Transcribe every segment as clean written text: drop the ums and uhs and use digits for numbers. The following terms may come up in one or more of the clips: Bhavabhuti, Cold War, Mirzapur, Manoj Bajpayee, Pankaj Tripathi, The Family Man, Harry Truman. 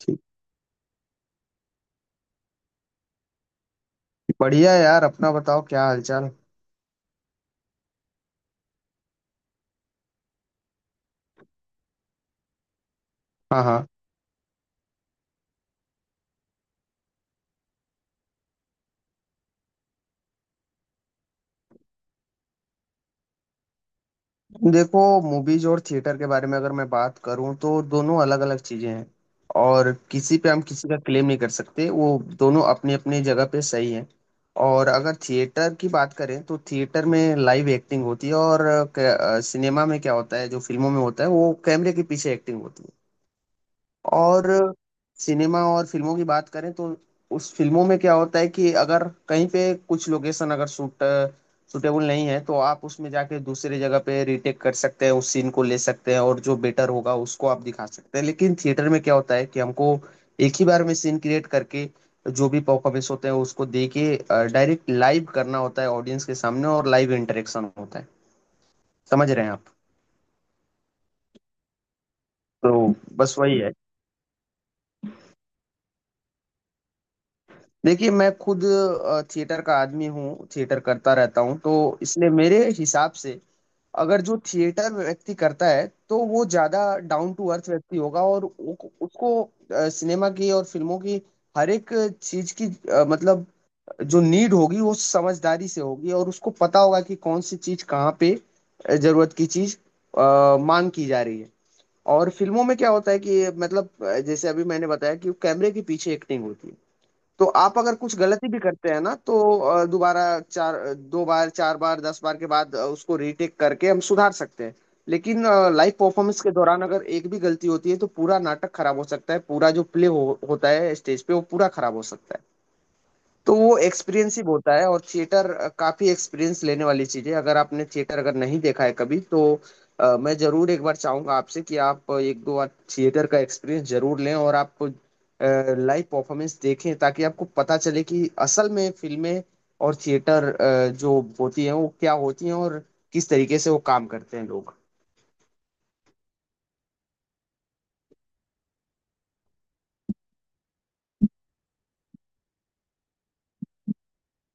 ठीक। बढ़िया है यार। अपना बताओ क्या हालचाल। हाँ हाँ। देखो, मूवीज और थिएटर के बारे में अगर मैं बात करूँ तो दोनों अलग अलग चीजें हैं। और किसी पे हम किसी का क्लेम नहीं कर सकते, वो दोनों अपनी अपनी जगह पे सही हैं। और अगर थिएटर की बात करें तो थिएटर में लाइव एक्टिंग होती है। और सिनेमा में क्या होता है, जो फिल्मों में होता है वो कैमरे के पीछे एक्टिंग होती है। और सिनेमा और फिल्मों की बात करें तो उस फिल्मों में क्या होता है कि अगर कहीं पे कुछ लोकेशन अगर सूटेबल नहीं है तो आप उसमें जाके दूसरी जगह पे रीटेक कर सकते हैं, उस सीन को ले सकते हैं और जो बेटर होगा उसको आप दिखा सकते हैं। लेकिन थिएटर में क्या होता है कि हमको एक ही बार में सीन क्रिएट करके जो भी परफॉर्मेंस होते हैं उसको दे के डायरेक्ट लाइव करना होता है ऑडियंस के सामने, और लाइव इंटरेक्शन होता है। समझ रहे हैं आप। तो बस वही है। देखिए, मैं खुद थिएटर का आदमी हूँ, थिएटर करता रहता हूँ, तो इसलिए मेरे हिसाब से अगर जो थिएटर व्यक्ति करता है तो वो ज्यादा डाउन टू अर्थ व्यक्ति होगा। और उसको सिनेमा की और फिल्मों की हर एक चीज की मतलब जो नीड होगी वो समझदारी से होगी, और उसको पता होगा कि कौन सी चीज कहाँ पे जरूरत की चीज मांग की जा रही है। और फिल्मों में क्या होता है कि मतलब जैसे अभी मैंने बताया कि कैमरे के पीछे एक्टिंग होती है, तो आप अगर कुछ गलती भी करते हैं ना तो दोबारा चार दो बार चार बार दस बार के बाद उसको रीटेक करके हम सुधार सकते हैं। लेकिन लाइव परफॉर्मेंस के दौरान अगर एक भी गलती होती है तो पूरा नाटक खराब हो सकता है, पूरा जो प्ले होता है स्टेज पे वो पूरा खराब हो सकता है। तो वो एक्सपीरियंस ही होता है, और थिएटर काफी एक्सपीरियंस लेने वाली चीज है। अगर आपने थिएटर अगर नहीं देखा है कभी तो मैं जरूर एक बार चाहूंगा आपसे कि आप एक दो बार थिएटर का एक्सपीरियंस जरूर लें और आप लाइव परफॉर्मेंस देखें, ताकि आपको पता चले कि असल में फिल्में और थिएटर जो होती हैं वो क्या होती हैं और किस तरीके से वो काम करते हैं लोग।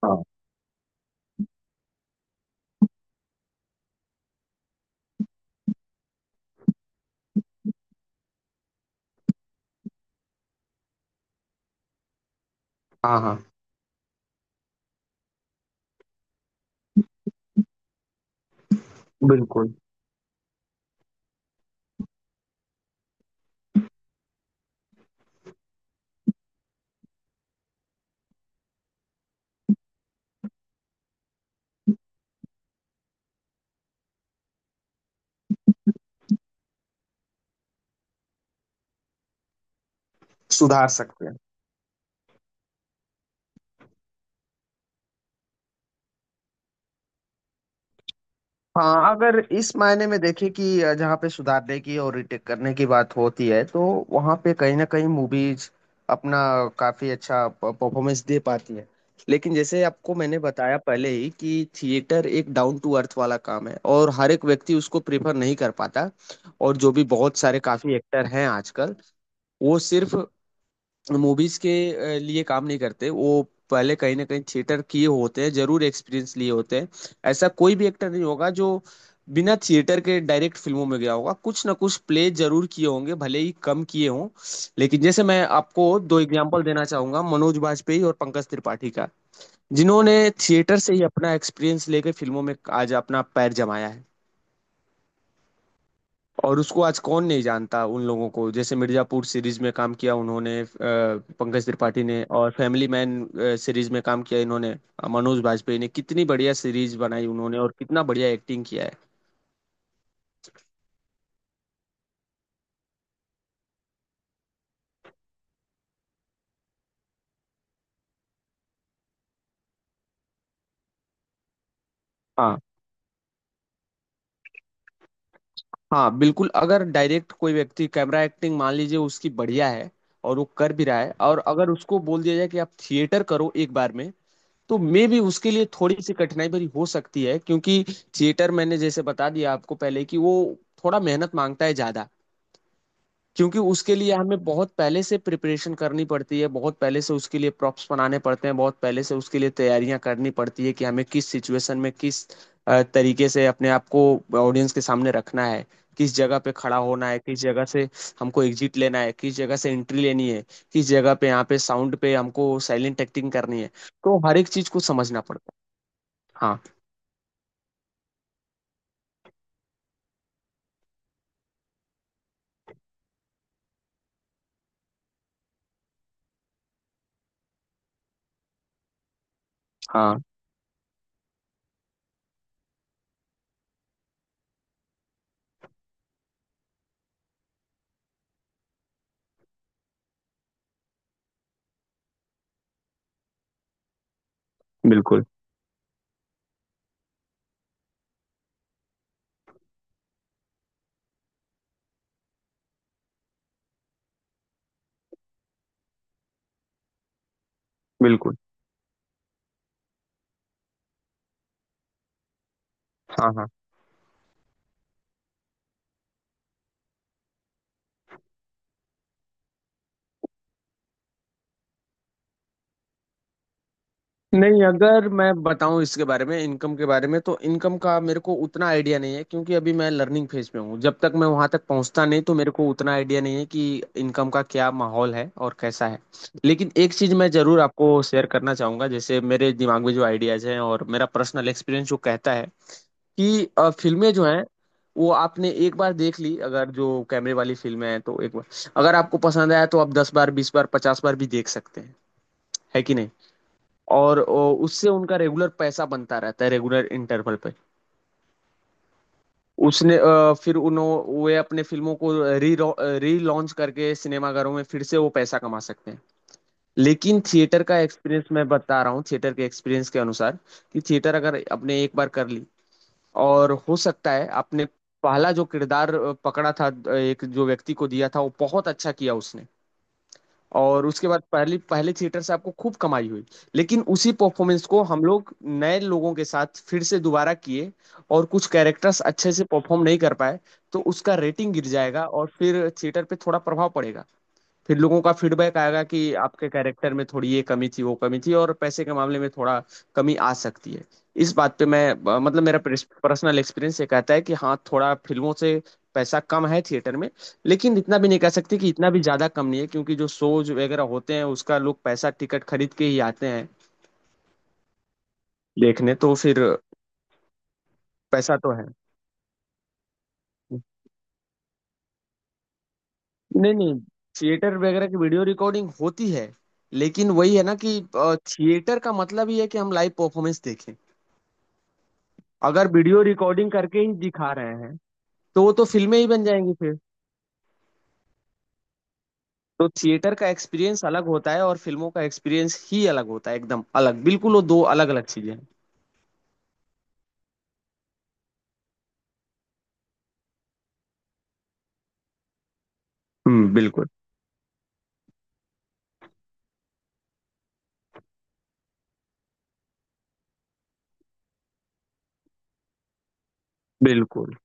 हाँ हाँ। हाँ बिल्कुल। सुधार सकते हैं। हाँ, अगर इस मायने में देखें कि जहाँ पे सुधारने की और रिटेक करने की बात होती है, तो वहाँ पे कहीं ना कहीं मूवीज अपना काफी अच्छा परफॉर्मेंस दे पाती है। लेकिन जैसे आपको मैंने बताया पहले ही कि थिएटर एक डाउन टू अर्थ वाला काम है, और हर एक व्यक्ति उसको प्रेफर नहीं कर पाता। और जो भी बहुत सारे काफी एक्टर हैं आजकल, वो सिर्फ मूवीज के लिए काम नहीं करते, वो पहले कहीं ना कहीं थिएटर किए होते हैं, जरूर एक्सपीरियंस लिए होते हैं। ऐसा कोई भी एक्टर नहीं होगा जो बिना थिएटर के डायरेक्ट फिल्मों में गया होगा, कुछ ना कुछ प्ले जरूर किए होंगे भले ही कम किए हों। लेकिन जैसे मैं आपको दो एग्जांपल देना चाहूंगा मनोज बाजपेयी और पंकज त्रिपाठी का, जिन्होंने थिएटर से ही अपना एक्सपीरियंस लेके फिल्मों में आज अपना पैर जमाया है। और उसको आज कौन नहीं जानता उन लोगों को, जैसे मिर्जापुर सीरीज में काम किया उन्होंने पंकज त्रिपाठी ने, और फैमिली मैन सीरीज में काम किया इन्होंने मनोज बाजपेयी ने, कितनी बढ़िया सीरीज बनाई उन्होंने और कितना बढ़िया एक्टिंग किया है। हाँ हाँ, बिल्कुल। अगर डायरेक्ट कोई व्यक्ति कैमरा एक्टिंग मान लीजिए उसकी बढ़िया है और वो कर भी रहा है, और अगर उसको बोल दिया जाए कि आप थिएटर करो एक बार में, तो मे भी उसके लिए थोड़ी सी कठिनाई भरी हो सकती है। क्योंकि थिएटर मैंने जैसे बता दिया आपको पहले कि वो थोड़ा मेहनत मांगता है ज्यादा, क्योंकि उसके लिए हमें बहुत पहले से प्रिपरेशन करनी पड़ती है, बहुत पहले से उसके लिए प्रॉप्स बनाने पड़ते हैं, बहुत पहले से उसके लिए तैयारियां करनी पड़ती है कि हमें किस सिचुएशन में किस तरीके से अपने आप को ऑडियंस के सामने रखना है, किस जगह पे खड़ा होना है, किस जगह से हमको एग्जिट लेना है, किस जगह से एंट्री लेनी है, किस जगह पे यहाँ पे साउंड पे हमको साइलेंट एक्टिंग करनी है। तो हर एक चीज को समझना पड़ता है। हाँ हाँ। बिल्कुल बिल्कुल। हाँ हाँ। नहीं, अगर मैं बताऊं इसके बारे में, इनकम के बारे में, तो इनकम का मेरे को उतना आइडिया नहीं है, क्योंकि अभी मैं लर्निंग फेज में हूँ। जब तक मैं वहां तक पहुंचता नहीं तो मेरे को उतना आइडिया नहीं है कि इनकम का क्या माहौल है और कैसा है। लेकिन एक चीज मैं जरूर आपको शेयर करना चाहूंगा, जैसे मेरे दिमाग में जो आइडियाज हैं और मेरा पर्सनल एक्सपीरियंस जो कहता है कि फिल्में जो हैं, वो आपने एक बार देख ली अगर, जो कैमरे वाली फिल्में हैं, तो एक बार अगर आपको पसंद आया तो आप दस बार बीस बार पचास बार भी देख सकते हैं। है कि नहीं। और उससे उनका रेगुलर पैसा बनता रहता है रेगुलर इंटरवल पे। उसने फिर उन्होंने वे अपने फिल्मों को री री लॉन्च करके सिनेमाघरों में फिर से वो पैसा कमा सकते हैं। लेकिन थिएटर का एक्सपीरियंस मैं बता रहा हूँ, थिएटर के एक्सपीरियंस के अनुसार कि थिएटर अगर आपने एक बार कर ली। और हो सकता है आपने पहला जो किरदार पकड़ा था एक जो व्यक्ति को दिया था वो बहुत अच्छा किया उसने। और उसके बाद पहली पहले थिएटर से आपको खूब कमाई हुई। लेकिन उसी परफॉर्मेंस को हम लोग नए लोगों के साथ फिर से दोबारा किए, और कुछ कैरेक्टर्स अच्छे से परफॉर्म नहीं कर पाए, तो उसका रेटिंग गिर जाएगा और फिर थिएटर पे थोड़ा प्रभाव पड़ेगा। फिर लोगों का फीडबैक आएगा कि आपके कैरेक्टर में थोड़ी ये कमी थी वो कमी थी और पैसे के मामले में थोड़ा कमी आ सकती है। इस बात पे मैं मतलब मेरा पर्सनल एक्सपीरियंस ये कहता है कि हाँ थोड़ा फिल्मों से पैसा कम है थिएटर में। लेकिन इतना भी नहीं कह सकते कि इतना भी ज्यादा कम नहीं है, क्योंकि जो शोज वगैरह होते हैं उसका लोग पैसा टिकट खरीद के ही आते हैं देखने, तो फिर पैसा तो है। नहीं नहीं, थिएटर वगैरह की वीडियो रिकॉर्डिंग होती है, लेकिन वही है ना कि थिएटर का मतलब ही है कि हम लाइव परफॉर्मेंस देखें। अगर वीडियो रिकॉर्डिंग करके ही दिखा रहे हैं तो वो तो फिल्में ही बन जाएंगी फिर। तो थिएटर का एक्सपीरियंस अलग होता है और फिल्मों का एक्सपीरियंस ही अलग होता है, एकदम अलग बिल्कुल। वो दो अलग अलग चीजें हैं। बिल्कुल। बिल्कुल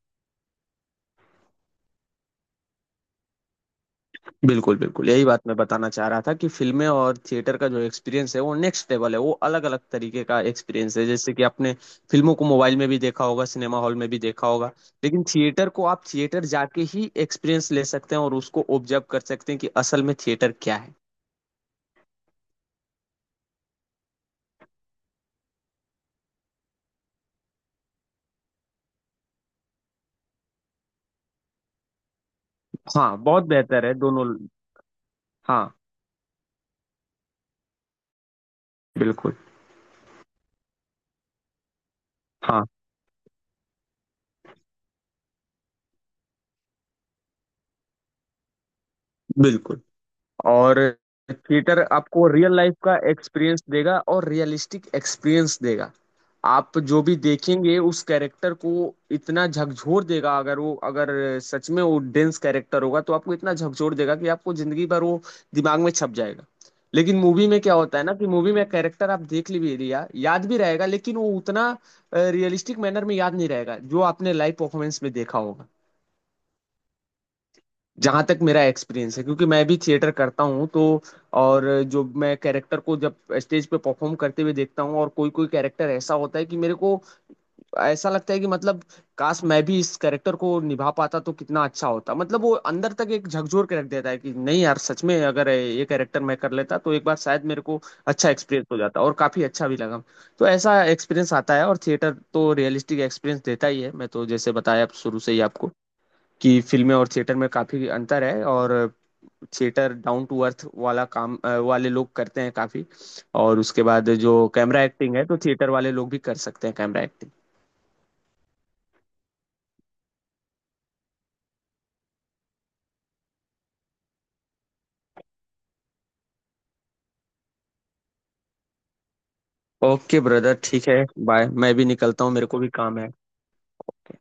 बिल्कुल। बिल्कुल, यही बात मैं बताना चाह रहा था कि फिल्में और थिएटर का जो एक्सपीरियंस है वो नेक्स्ट लेवल है, वो अलग अलग तरीके का एक्सपीरियंस है। जैसे कि आपने फिल्मों को मोबाइल में भी देखा होगा सिनेमा हॉल में भी देखा होगा, लेकिन थिएटर को आप थिएटर जाके ही एक्सपीरियंस ले सकते हैं और उसको ऑब्जर्व कर सकते हैं कि असल में थिएटर क्या है। हाँ, बहुत बेहतर है दोनों। हाँ बिल्कुल। हाँ बिल्कुल। और थिएटर आपको रियल लाइफ का एक्सपीरियंस देगा और रियलिस्टिक एक्सपीरियंस देगा। आप जो भी देखेंगे उस कैरेक्टर को, इतना झकझोर देगा, अगर वो अगर सच में वो डेंस कैरेक्टर होगा तो आपको इतना झकझोर देगा कि आपको जिंदगी भर वो दिमाग में छप जाएगा। लेकिन मूवी में क्या होता है ना कि मूवी में कैरेक्टर आप देख भी लिया, याद भी रहेगा, लेकिन वो उतना रियलिस्टिक मैनर में याद नहीं रहेगा जो आपने लाइव परफॉर्मेंस में देखा होगा। जहाँ तक मेरा एक्सपीरियंस है, क्योंकि मैं भी थिएटर करता हूँ, तो और जो मैं कैरेक्टर को जब स्टेज पे परफॉर्म करते हुए देखता हूँ, और कोई कोई कैरेक्टर ऐसा होता है कि मेरे को ऐसा लगता है कि मतलब काश मैं भी इस कैरेक्टर को निभा पाता तो कितना अच्छा होता, मतलब वो अंदर तक एक झकझोर के रख देता है कि नहीं यार, सच में अगर ये कैरेक्टर मैं कर लेता तो एक बार शायद मेरे को अच्छा एक्सपीरियंस हो जाता और काफी अच्छा भी लगा। तो ऐसा एक्सपीरियंस आता है। और थिएटर तो रियलिस्टिक एक्सपीरियंस देता ही है, मैं तो जैसे बताया अब शुरू से ही आपको कि फिल्में और थिएटर में काफी अंतर है। और थिएटर डाउन टू अर्थ वाला काम वाले लोग करते हैं काफी। और उसके बाद जो कैमरा एक्टिंग है तो थिएटर वाले लोग भी कर सकते हैं कैमरा एक्टिंग। ओके ब्रदर, ठीक है। बाय, मैं भी निकलता हूँ, मेरे को भी काम है।